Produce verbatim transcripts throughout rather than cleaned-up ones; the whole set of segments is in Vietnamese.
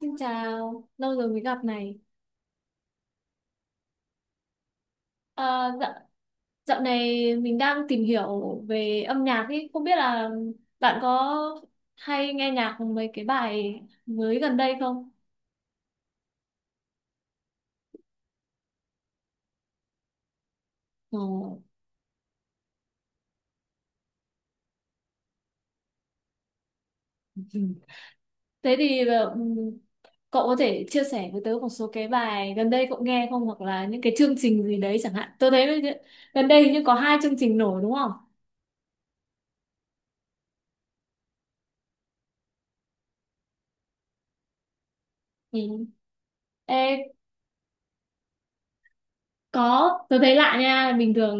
Xin chào, lâu rồi mới gặp này. À, dạo, dạo này mình đang tìm hiểu về âm nhạc ý. Không biết là bạn có hay nghe nhạc mấy cái bài mới gần đây không? Ờ, ừ. Thế thì ừ, cậu có thể chia sẻ với tớ một số cái bài gần đây cậu nghe không? Hoặc là những cái chương trình gì đấy chẳng hạn. Tôi thấy gần đây hình như có hai chương trình nổi đúng không? Ừ. Ê, có, tôi thấy lạ nha, bình thường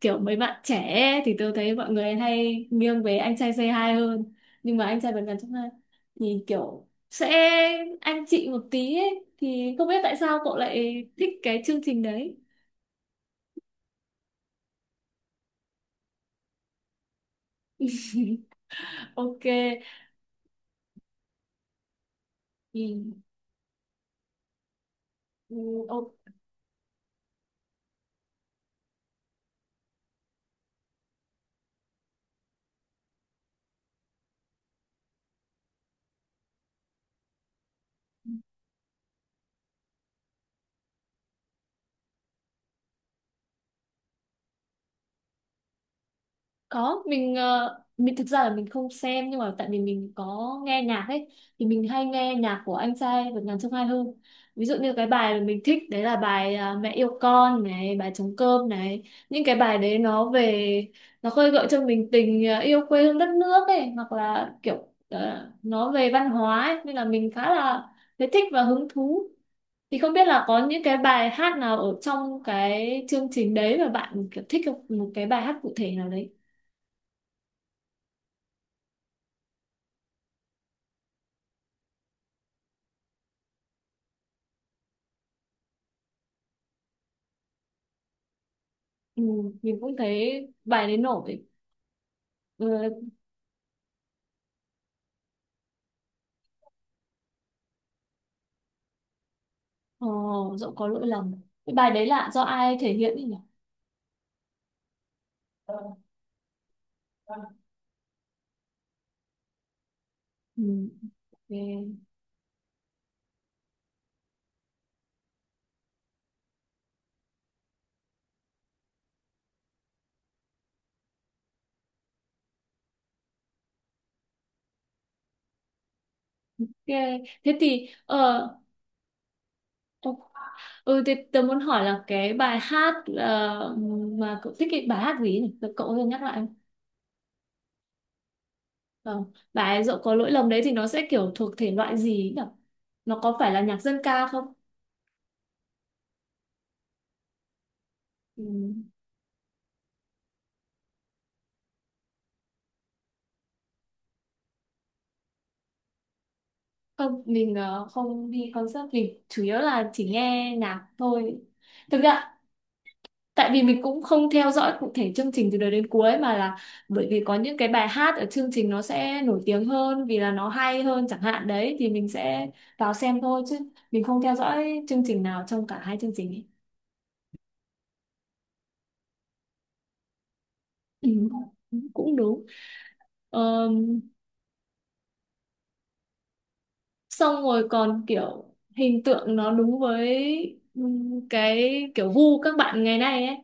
kiểu mấy bạn trẻ ấy, thì tôi thấy mọi người hay nghiêng về anh trai Say Hi hơn. Nhưng mà anh trai vượt ngàn chông gai thì kiểu sẽ anh chị một tí ấy, thì không biết tại sao cậu lại thích cái chương trình đấy. Ok, ừ. Ừ, ok. Có, mình ờ, mình thực ra là mình không xem, nhưng mà tại vì mình có nghe nhạc ấy thì mình hay nghe nhạc của anh trai Vượt Ngàn Chông Gai hơn, ví dụ như cái bài mà mình thích đấy là bài à, Mẹ yêu con này, bài trống cơm này, những cái bài đấy nó về, nó khơi gợi cho mình tình à, yêu quê hương đất nước ấy, hoặc là kiểu ờ, nó về văn hóa ấy. Nên là mình khá là thấy thích và hứng thú, thì không biết là có những cái bài hát nào ở trong cái chương trình đấy mà bạn kiểu thích không? Một cái bài hát cụ thể nào đấy. Ừ, mình cũng thấy bài đấy nổi. ừ, ờ, Dẫu có lỗi lầm, cái bài đấy là do ai thể hiện ấy nhỉ? Ừ. Ok. Ok. Thế thì ờ ok. Ừ, thế tớ muốn hỏi là cái bài hát ờ, mà cậu thích, cái bài hát gì nhỉ, cậu có thể nhắc lại không? Ờ, bài dẫu có lỗi lầm đấy thì nó sẽ kiểu thuộc thể loại gì ấy nhỉ, nó có phải là nhạc dân ca không? Ừ. Không, mình ờ, không đi concert, mình chủ yếu là chỉ nghe nhạc thôi. Thực ra tại vì mình cũng không theo dõi cụ thể chương trình từ đầu đến cuối, mà là bởi vì có những cái bài hát ở chương trình nó sẽ nổi tiếng hơn vì là nó hay hơn chẳng hạn, đấy thì mình sẽ vào xem thôi, chứ mình không theo dõi chương trình nào trong cả hai chương trình ấy. Ừ, cũng đúng. Ờm, Xong rồi còn kiểu hình tượng nó đúng với ừm, cái kiểu gu các bạn ngày nay ấy.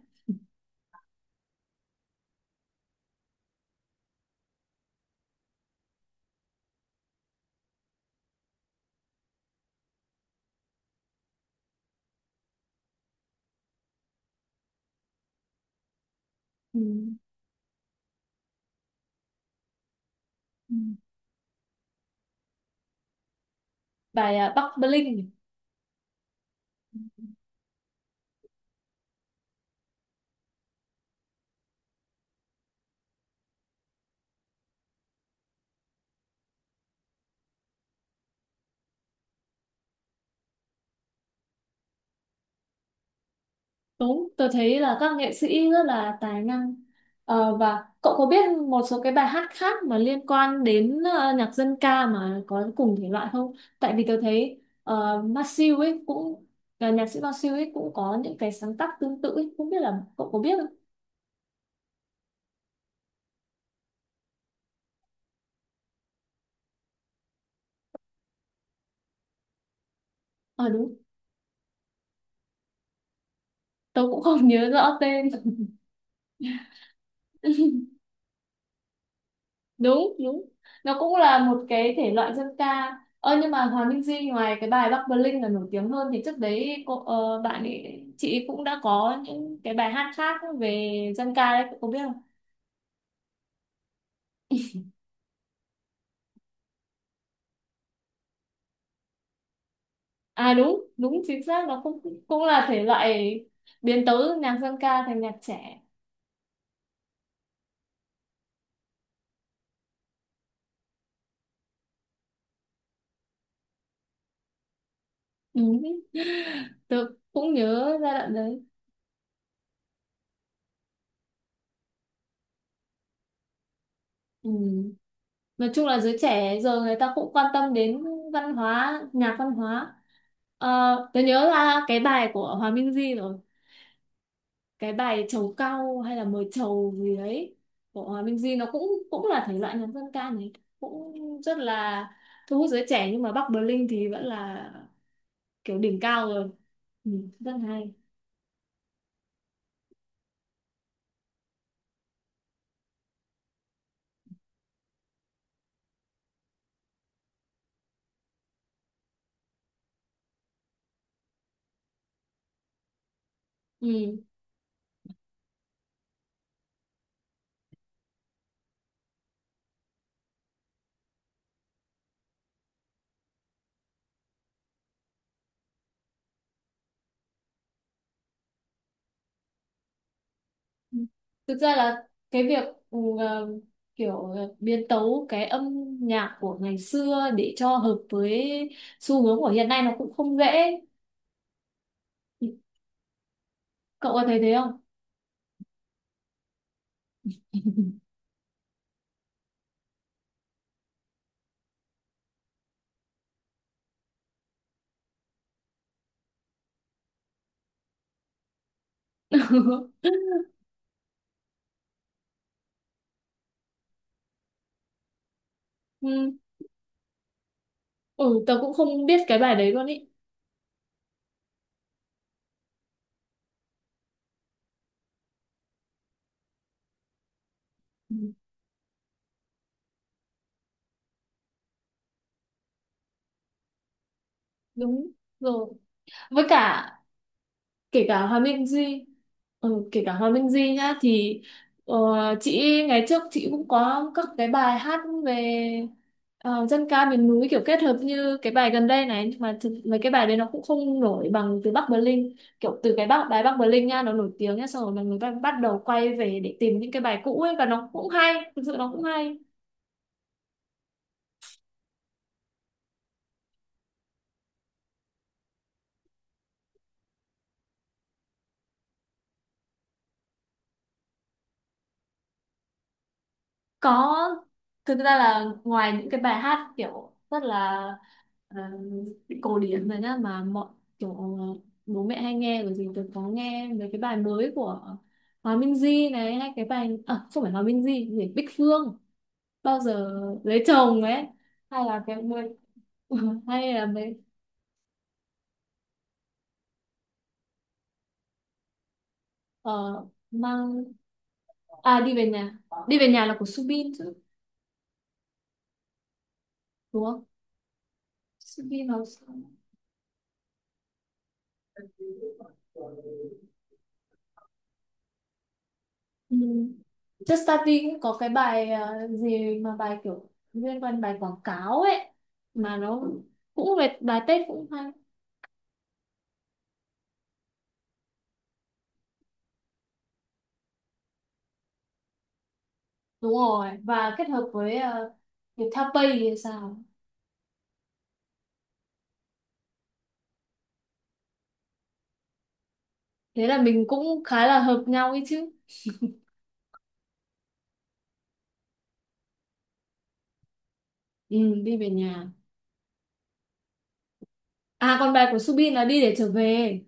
Ừ. Ừ. Bài à, Bắc Bling. Đúng, tôi thấy là các nghệ sĩ rất là tài năng. Ờ, và cậu có biết một số cái bài hát khác mà liên quan đến ờ, nhạc dân ca mà có cùng thể loại không? Tại vì tôi thấy ờ, Masew ấy cũng là nhạc sĩ, Masew ấy cũng có những cái sáng tác tương tự ấy, không biết là cậu có biết không? Ờ, đúng, tôi cũng không nhớ rõ tên. Đúng đúng, nó cũng là một cái thể loại dân ca, ơ nhưng mà Hoàng Minh Di ngoài cái bài Bắc Bling là nổi tiếng hơn thì trước đấy cô ờ, bạn ấy, chị ấy cũng đã có những cái bài hát khác về dân ca đấy, cô có biết không? À, đúng đúng chính xác, nó cũng cũng là thể loại biến tấu nhạc dân ca thành nhạc trẻ. Ừ. Tớ cũng nhớ giai đoạn đấy. Ừ. Nói chung là giới trẻ giờ người ta cũng quan tâm đến văn hóa, nhạc văn hóa. Ờ, tớ nhớ là cái bài của Hòa Minh Di rồi, cái bài trầu cau hay là mời trầu gì đấy của Hòa Minh Di nó cũng cũng là thể loại nhạc dân ca này, cũng rất là thu hút giới trẻ, nhưng mà Bắc Berlin thì vẫn là kiểu đỉnh cao rồi. Ừ, rất hay. Ừ. Thực ra là cái việc ừ, ờ, kiểu ờ, biến tấu cái âm nhạc của ngày xưa để cho hợp với xu hướng của hiện nay nó cũng không dễ. Cậu có thấy thế không? Ừ, ừ tớ cũng không biết cái bài đấy luôn ý. Ừ. Đúng rồi, với cả kể cả Hòa Minh Di, ừ, kể cả Hòa Minh Di nhá, thì ờ, chị, ngày trước chị cũng có các cái bài hát về ờ, dân ca miền núi kiểu kết hợp như cái bài gần đây này, nhưng mà thực, mấy cái bài đấy nó cũng không nổi bằng từ Bắc Berlin, kiểu từ cái Bắc đài Bắc Berlin nha, nó nổi tiếng nhá, xong rồi mọi người bắt bắt đầu quay về để tìm những cái bài cũ ấy và nó cũng hay, thực sự nó cũng hay. Có, thực ra là ngoài những cái bài hát kiểu rất là ờ, cổ điển rồi nhá, mà mọi kiểu bố mẹ hay nghe rồi, thì tôi có nghe mấy cái bài mới của Hòa Minzy này, hay cái bài à, không phải Hòa Minzy, gì Bích Phương bao giờ lấy chồng ấy, hay là cái mới hay là mấy ờ, mang à đi về nhà, đi về nhà là của Subin chứ đúng không? Subin là ừ. Just Study cũng có cái bài ờ, gì mà bài kiểu liên quan bài quảng cáo ấy, mà nó cũng về bài Tết cũng hay. Đúng rồi, và kết hợp với uh, Viettel Pay thì sao. Thế là mình cũng khá là hợp nhau ấy chứ. Ừ, đi về nhà. À, còn bài của Subin là đi để trở về.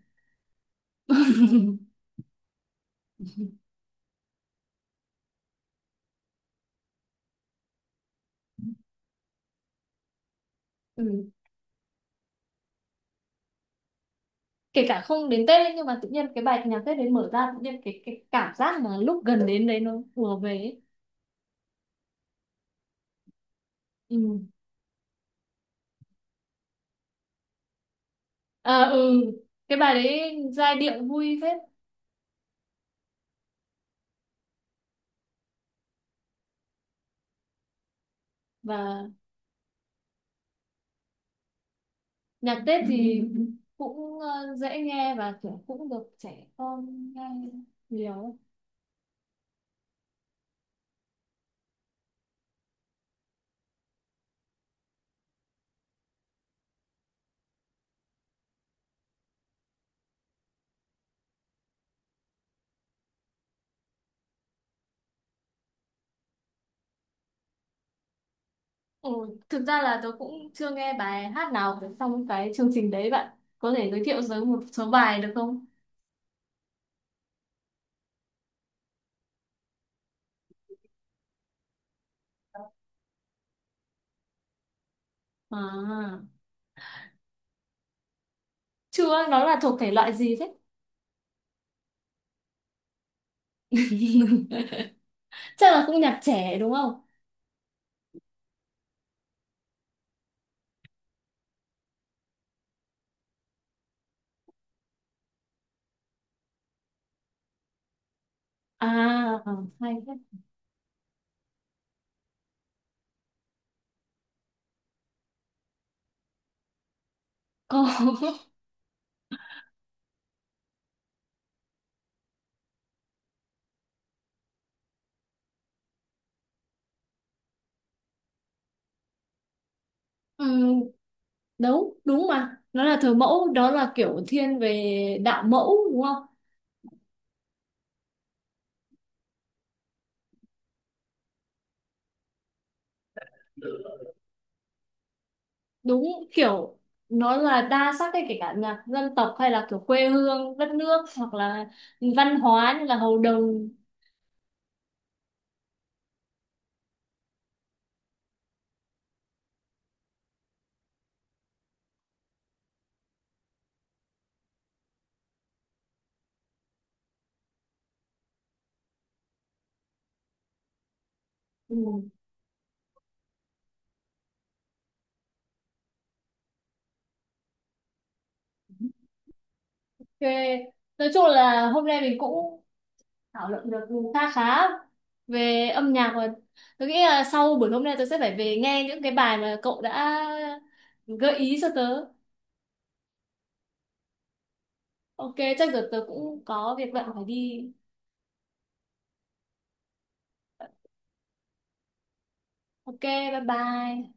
Ừ. Kể cả không đến Tết ấy, nhưng mà tự nhiên cái bài nhạc Tết đấy mở ra, tự nhiên cái cái cảm giác mà lúc gần đến đấy nó ùa về ấy. Ừ. À, ừ, cái bài đấy giai điệu vui phết. Và nhạc Tết thì cũng ờ, dễ nghe và kiểu cũng được trẻ con nghe nhiều. Ừ, thực ra là tôi cũng chưa nghe bài hát nào của trong cái chương trình đấy, bạn có thể giới thiệu giới một số bài được không? À, chưa. Nó là thuộc thể loại gì thế? Chắc là cũng nhạc trẻ đúng không? À, ờ, hay thế. Có. Ừ, đúng đúng, mà nó là thờ mẫu, đó là kiểu thiên về đạo mẫu đúng không? Đúng, kiểu nó là đa sắc ấy, kể cả nhạc dân tộc hay là kiểu quê hương đất nước hoặc là văn hóa như là hầu đồng. Ừ. Ok. Nói chung là hôm nay mình cũng thảo luận được khá khá về âm nhạc, và tôi nghĩ là sau buổi hôm nay tôi sẽ phải về nghe những cái bài mà cậu đã gợi ý cho tớ. Ok, chắc giờ tớ cũng có việc bận phải đi. Ok, bye bye.